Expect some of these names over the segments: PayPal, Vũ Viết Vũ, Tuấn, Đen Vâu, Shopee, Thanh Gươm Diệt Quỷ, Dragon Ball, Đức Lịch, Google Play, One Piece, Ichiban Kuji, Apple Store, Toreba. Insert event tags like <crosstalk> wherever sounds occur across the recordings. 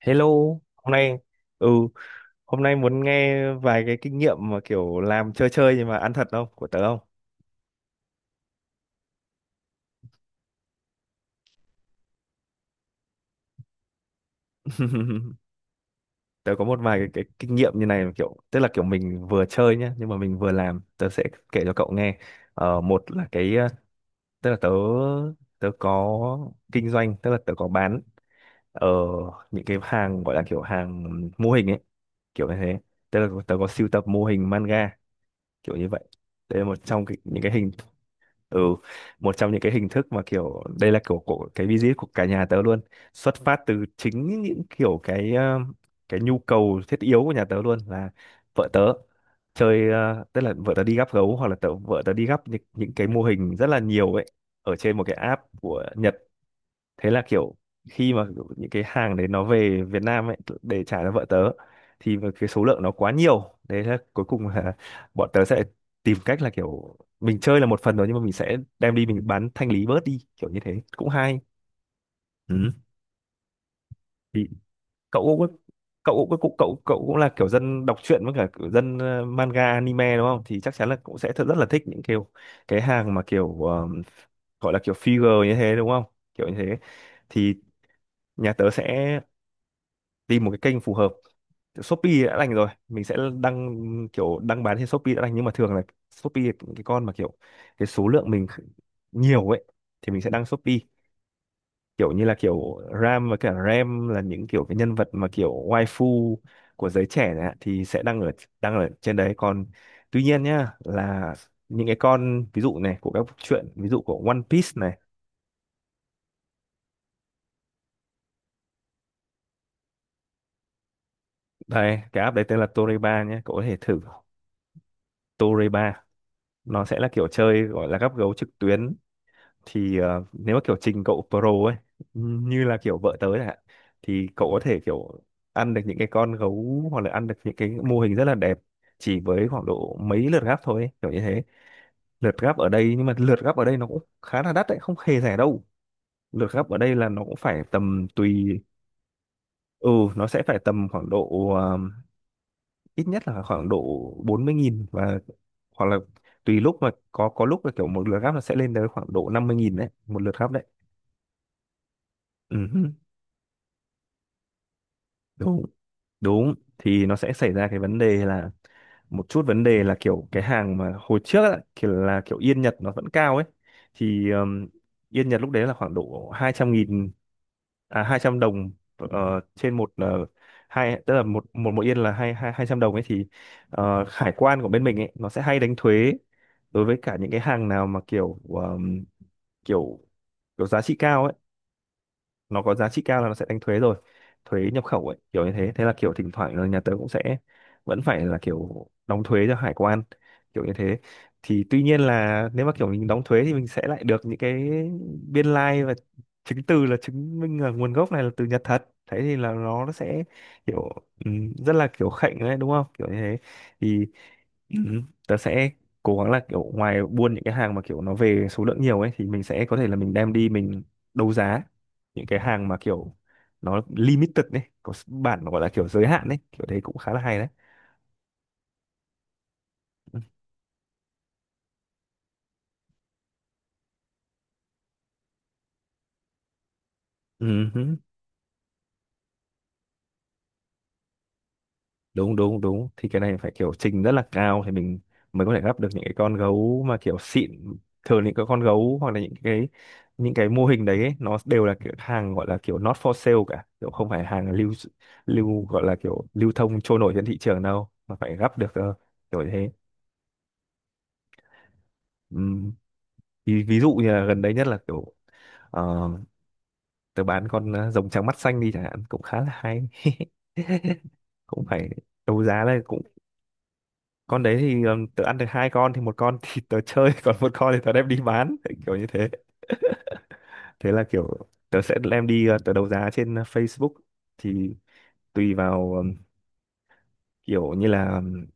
Hello, hôm nay ừ, hôm nay muốn nghe vài cái kinh nghiệm mà kiểu làm chơi chơi nhưng mà ăn thật không của tớ không? <laughs> Tớ có một vài cái kinh nghiệm như này kiểu tức là kiểu mình vừa chơi nhá nhưng mà mình vừa làm, tớ sẽ kể cho cậu nghe. Một là tức là tớ tớ có kinh doanh, tức là tớ có bán ở những cái hàng gọi là kiểu hàng mô hình ấy, kiểu như thế. Tức là tớ có sưu tập mô hình manga kiểu như vậy. Đây là một trong những cái hình, ừ, một trong những cái hình thức mà kiểu đây là kiểu của cái visit của cả nhà tớ luôn, xuất phát từ chính những kiểu cái nhu cầu thiết yếu của nhà tớ luôn là vợ tớ chơi, tức là vợ tớ đi gắp gấu hoặc là tớ, vợ tớ đi gắp những cái mô hình rất là nhiều ấy ở trên một cái app của Nhật. Thế là kiểu khi mà kiểu những cái hàng đấy nó về Việt Nam ấy để trả cho vợ tớ thì mà cái số lượng nó quá nhiều đấy, là cuối cùng là <laughs> bọn tớ sẽ tìm cách là kiểu mình chơi là một phần rồi nhưng mà mình sẽ đem đi mình bán thanh lý bớt đi kiểu như thế cũng hay, ừ. Thì cậu cũng cậu cũng là kiểu dân đọc truyện với cả kiểu dân, manga anime, đúng không, thì chắc chắn là cũng sẽ thật rất là thích những kiểu cái hàng mà kiểu gọi là kiểu figure như thế đúng không, kiểu như thế. Thì nhà tớ sẽ tìm một cái kênh phù hợp. Kiểu Shopee đã đành, rồi mình sẽ đăng kiểu đăng bán trên Shopee đã đành, nhưng mà thường là Shopee cái con mà kiểu cái số lượng mình nhiều ấy thì mình sẽ đăng Shopee kiểu như là kiểu Ram và cả Ram là những kiểu cái nhân vật mà kiểu waifu của giới trẻ này ạ, thì sẽ đăng ở trên đấy. Còn tuy nhiên nhá là những cái con ví dụ này của các truyện ví dụ của One Piece này. Đây cái app đấy tên là Toreba nhé, cậu có thể thử Toreba. Nó sẽ là kiểu chơi gọi là gắp gấu trực tuyến. Thì nếu mà kiểu trình cậu pro ấy, như là kiểu vợ tớ chẳng hạn, thì cậu có thể kiểu ăn được những cái con gấu hoặc là ăn được những cái mô hình rất là đẹp chỉ với khoảng độ mấy lượt gắp thôi ấy, kiểu như thế. Lượt gắp ở đây, nhưng mà lượt gắp ở đây nó cũng khá là đắt đấy, không hề rẻ đâu. Lượt gắp ở đây là nó cũng phải tầm tùy, ừ, nó sẽ phải tầm khoảng độ, ít nhất là khoảng độ bốn mươi nghìn, và hoặc là tùy lúc, mà có lúc là kiểu một lượt gắp nó sẽ lên tới khoảng độ 50.000 đấy, một lượt gắp đấy, ừ. Đúng, thì nó sẽ xảy ra cái vấn đề là, một chút vấn đề là kiểu cái hàng mà hồi trước á, kiểu là kiểu yên Nhật nó vẫn cao ấy, thì yên Nhật lúc đấy là khoảng độ 200 nghìn, à 200 đồng, trên một, hai tức là một một mỗi yên là hai hai 200 đồng ấy. Thì hải quan của bên mình ấy nó sẽ hay đánh thuế đối với cả những cái hàng nào mà kiểu kiểu kiểu giá trị cao ấy, nó có giá trị cao là nó sẽ đánh thuế rồi, thuế nhập khẩu ấy, kiểu như thế. Thế là kiểu thỉnh thoảng là nhà tớ cũng sẽ vẫn phải là kiểu đóng thuế cho hải quan kiểu như thế. Thì tuy nhiên là nếu mà kiểu mình đóng thuế thì mình sẽ lại được những cái biên lai và chứng từ là chứng minh là nguồn gốc này là từ Nhật thật, thế thì là nó sẽ kiểu, rất là kiểu khệnh đấy đúng không, kiểu như thế. Thì ừ. Tớ sẽ cố gắng là kiểu ngoài buôn những cái hàng mà kiểu nó về số lượng nhiều ấy, thì mình sẽ có thể là mình đem đi mình đấu giá những cái hàng mà kiểu nó limited ấy, có bản gọi là kiểu giới hạn ấy, kiểu đấy cũng khá là hay đấy. Ừ. Đúng đúng đúng, thì cái này phải kiểu trình rất là cao thì mình mới có thể gắp được những cái con gấu mà kiểu xịn. Thường những cái con gấu hoặc là những những cái mô hình đấy ấy, nó đều là kiểu hàng gọi là kiểu not for sale cả, kiểu không phải hàng lưu lưu gọi là kiểu lưu thông trôi nổi trên thị trường đâu, mà phải gắp được cơ, kiểu thế. Ừm, Ví dụ như là gần đây nhất là kiểu, ờ, tớ bán con, rồng trắng mắt xanh đi chẳng hạn, cũng khá là hay <laughs> cũng phải đấu giá lên cũng. Con đấy thì tớ ăn được hai con thì một con thì tớ chơi <laughs> còn một con thì tớ đem đi bán kiểu như thế. <laughs> Thế là kiểu tớ sẽ đem đi, tớ đấu giá trên, Facebook. Thì tùy vào kiểu như là,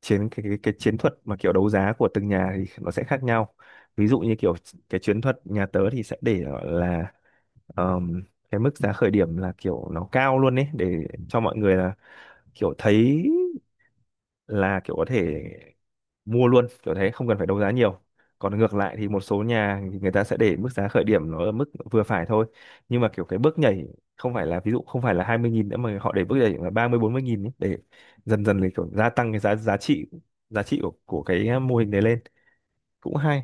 chiến cái chiến thuật mà kiểu đấu giá của từng nhà thì nó sẽ khác nhau. Ví dụ như kiểu cái chiến thuật nhà tớ thì sẽ để ở là, ờm, cái mức giá khởi điểm là kiểu nó cao luôn ấy, để cho mọi người là kiểu thấy là kiểu có thể mua luôn kiểu thế, không cần phải đấu giá nhiều. Còn ngược lại thì một số nhà thì người ta sẽ để mức giá khởi điểm nó ở mức vừa phải thôi, nhưng mà kiểu cái bước nhảy không phải là, ví dụ không phải là 20.000 nữa, mà họ để bước nhảy là 30 40.000 ấy, để dần dần để kiểu gia tăng cái giá giá trị, giá trị của cái mô hình đấy lên, cũng hay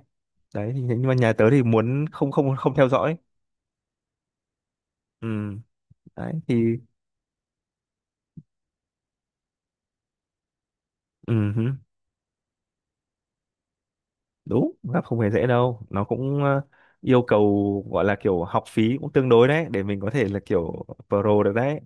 đấy. Thì nhưng mà nhà tớ thì muốn không không không theo dõi, ừ đấy thì, ừ hứ, đúng, gặp không hề dễ đâu, nó cũng, yêu cầu gọi là kiểu học phí cũng tương đối đấy để mình có thể là kiểu pro được đấy.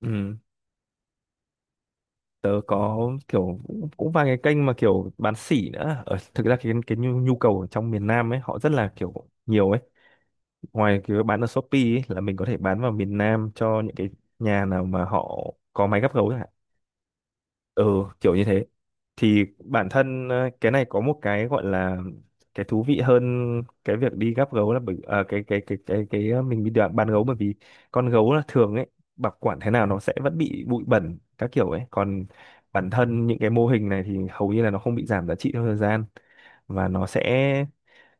Ừ, tớ có kiểu cũng vài cái kênh mà kiểu bán sỉ nữa ở, thực ra cái nhu cầu ở trong miền Nam ấy họ rất là kiểu nhiều ấy. Ngoài cái bán ở Shopee ấy, là mình có thể bán vào miền Nam cho những cái nhà nào mà họ có máy gắp gấu, ừ kiểu như thế. Thì bản thân, cái này có một cái gọi là cái thú vị hơn cái việc đi gắp gấu, là bởi à, mình đi đoạn bán gấu. Bởi vì con gấu là thường ấy, bảo quản thế nào nó sẽ vẫn bị bụi bẩn các kiểu ấy, còn bản thân những cái mô hình này thì hầu như là nó không bị giảm giá trị theo thời gian, và nó sẽ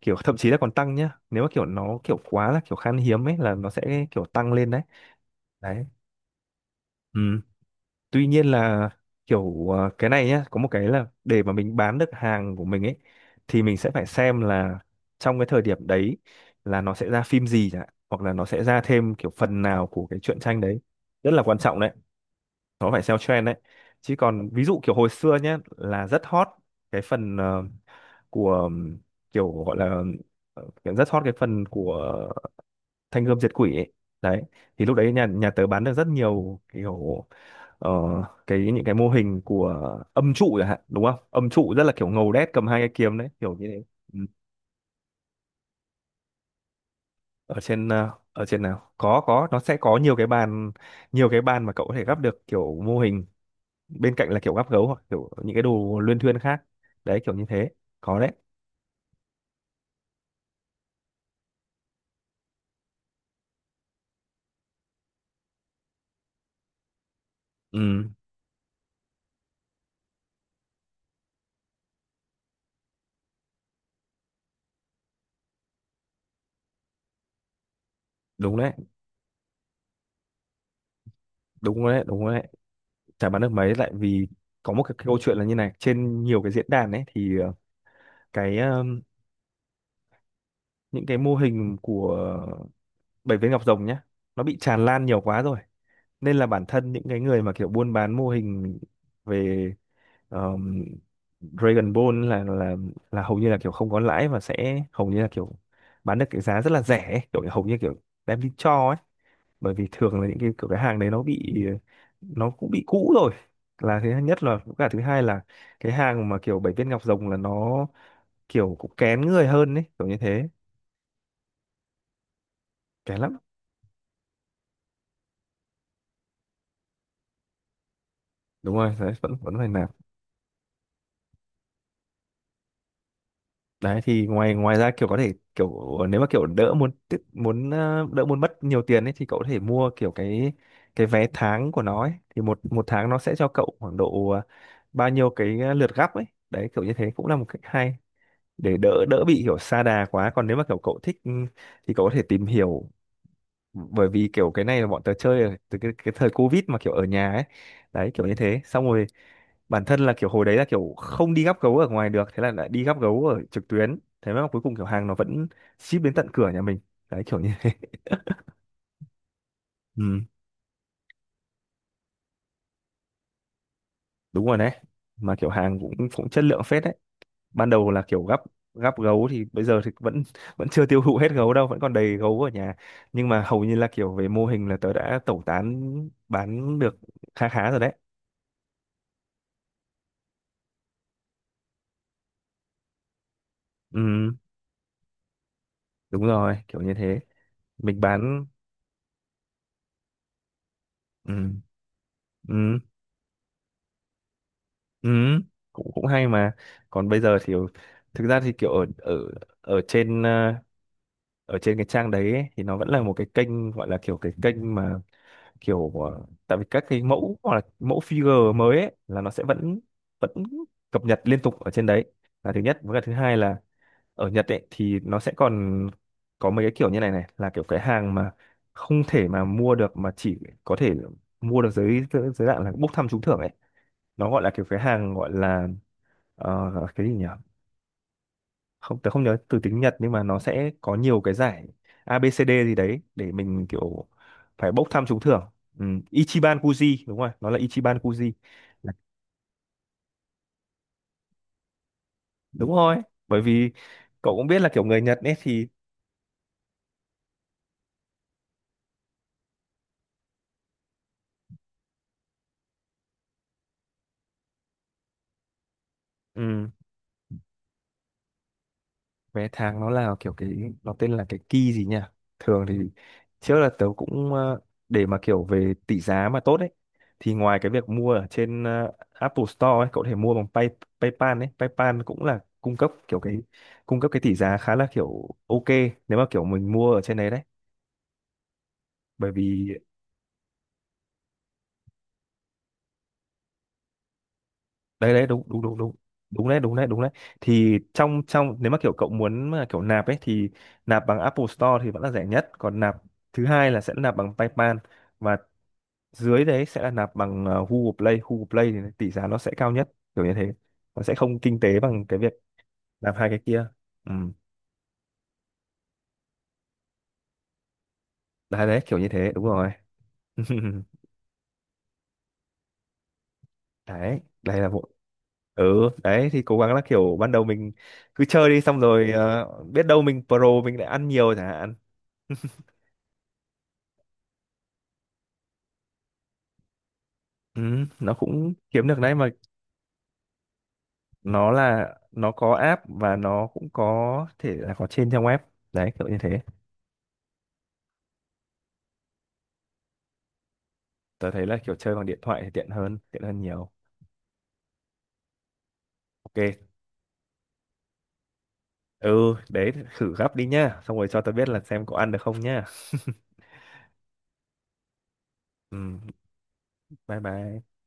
kiểu thậm chí là còn tăng nhá, nếu mà kiểu nó kiểu quá là kiểu khan hiếm ấy là nó sẽ kiểu tăng lên đấy, đấy, ừ. Tuy nhiên là kiểu, cái này nhá, có một cái là để mà mình bán được hàng của mình ấy thì mình sẽ phải xem là trong cái thời điểm đấy là nó sẽ ra phim gì chẳng hạn, hoặc là nó sẽ ra thêm kiểu phần nào của cái truyện tranh đấy, rất là quan trọng đấy, nó phải theo trend đấy. Chứ còn ví dụ kiểu hồi xưa nhá là rất hot cái phần, ờ, của kiểu gọi là ờ, kiểu rất hot cái phần của Thanh Gươm Diệt Quỷ ấy, đấy thì lúc đấy nhà nhà tớ bán được rất nhiều kiểu, ờ, cái những cái mô hình của âm trụ chẳng hạn, đúng không, âm trụ rất là kiểu ngầu đét cầm hai cái kiếm đấy, kiểu như thế, ừ. Ở trên nào có nó sẽ có nhiều cái bàn, nhiều cái bàn mà cậu có thể gắp được kiểu mô hình, bên cạnh là kiểu gắp gấu hoặc kiểu những cái đồ luyên thuyên khác. Đấy kiểu như thế. Có đấy. Ừ, đúng đấy, đúng đấy, đúng đấy. Chả bán được mấy lại vì có một cái câu chuyện là như này: trên nhiều cái diễn đàn ấy thì cái ờ, những cái mô hình của bảy viên ngọc rồng nhá, nó bị tràn lan nhiều quá rồi nên là bản thân những cái người mà kiểu buôn bán mô hình về um, Dragon Ball là hầu như là kiểu không có lãi, và sẽ hầu như là kiểu bán được cái giá rất là rẻ ấy. Kiểu hầu như kiểu đem đi cho ấy. Bởi vì thường là những cái kiểu cái hàng đấy nó cũng bị cũ rồi, là thứ nhất, là với cả thứ hai là cái hàng mà kiểu bảy viên ngọc rồng là nó kiểu cũng kén người hơn ấy, kiểu như thế, kén lắm. Đúng rồi đấy, vẫn vẫn phải làm. Đấy thì ngoài ngoài ra, kiểu có thể kiểu nếu mà kiểu đỡ muốn tiết muốn ờ, đỡ muốn mất nhiều tiền ấy thì cậu có thể mua kiểu cái vé tháng của nó ấy, thì một một tháng nó sẽ cho cậu khoảng độ bao nhiêu cái lượt gấp ấy. Đấy kiểu như thế, cũng là một cách hay để đỡ đỡ bị kiểu sa đà quá. Còn nếu mà kiểu cậu thích, ừ, thì cậu có thể tìm hiểu, bởi vì kiểu cái này là bọn tớ chơi từ cái thời Covid mà kiểu ở nhà ấy. Đấy kiểu như thế. Xong rồi bản thân là kiểu hồi đấy là kiểu không đi gắp gấu ở ngoài được, thế là lại đi gắp gấu ở trực tuyến, thế mà cuối cùng kiểu hàng nó vẫn ship đến tận cửa nhà mình. Đấy kiểu như thế. <laughs> Ừ, đúng rồi đấy, mà kiểu hàng cũng cũng chất lượng phết đấy. Ban đầu là kiểu gắp gắp gấu thì bây giờ thì vẫn vẫn chưa tiêu thụ hết gấu đâu, vẫn còn đầy gấu ở nhà. Nhưng mà hầu như là kiểu về mô hình là tớ đã tẩu tán, bán được khá khá rồi đấy. Ừ, đúng rồi kiểu như thế, mình bán. Ừ, ừ, ừ, cũng cũng hay mà. Còn bây giờ thì thực ra thì kiểu ở ở ở trên ờ, ở trên cái trang đấy ấy, thì nó vẫn là một cái kênh, gọi là kiểu cái kênh mà kiểu tại vì các cái mẫu hoặc là mẫu figure mới ấy, là nó sẽ vẫn vẫn cập nhật liên tục ở trên đấy, là thứ nhất, với cả thứ hai là ở Nhật ấy thì nó sẽ còn có mấy cái kiểu như này này, là kiểu cái hàng mà không thể mà mua được, mà chỉ có thể mua được dưới dưới dưới dạng là bốc thăm trúng thưởng ấy. Nó gọi là kiểu cái hàng gọi là cái gì nhỉ, không, tớ không nhớ từ tiếng Nhật, nhưng mà nó sẽ có nhiều cái giải A ABCD gì đấy để mình kiểu phải bốc thăm trúng thưởng. Ừ. Ichiban Kuji, đúng rồi, nó là Ichiban Kuji. Là- Đúng rồi, bởi vì cậu cũng biết là kiểu người Nhật ấy thì. Ừ. Vé tháng nó là kiểu cái, nó tên là cái key gì nhỉ. Thường thì trước là tớ cũng để mà kiểu về tỷ giá mà tốt ấy, thì ngoài cái việc mua ở trên Apple Store ấy, cậu có thể mua bằng PayPal ấy. PayPal cũng là cung cấp cái tỷ giá khá là kiểu ok nếu mà kiểu mình mua ở trên đấy. Đấy bởi vì đấy đấy, đúng đúng đúng đúng, đúng đấy, đúng đấy, đúng đấy, thì trong trong nếu mà kiểu cậu muốn mà kiểu nạp ấy thì nạp bằng Apple Store thì vẫn là rẻ nhất, còn nạp thứ hai là sẽ nạp bằng PayPal, và dưới đấy sẽ là nạp bằng Google Play. Google Play thì tỷ giá nó sẽ cao nhất, kiểu như thế, nó sẽ không kinh tế bằng cái việc nạp hai cái kia. Ừ. Đấy đấy kiểu như thế, đúng rồi. <laughs> Đấy đây là bộ. Ừ, đấy thì cố gắng là kiểu ban đầu mình cứ chơi đi, xong rồi biết đâu mình pro, mình lại ăn nhiều chẳng hạn. <laughs> Ừ, nó cũng kiếm được đấy mà. Nó có app và nó cũng có thể là có trên trang web. Đấy kiểu như thế. Tớ thấy là kiểu chơi bằng điện thoại thì tiện hơn, tiện hơn nhiều. Ok. Ừ, đấy, thử gấp đi nhá, xong rồi cho tao biết là xem có ăn được không nhá. <laughs> Ừ, bye bye.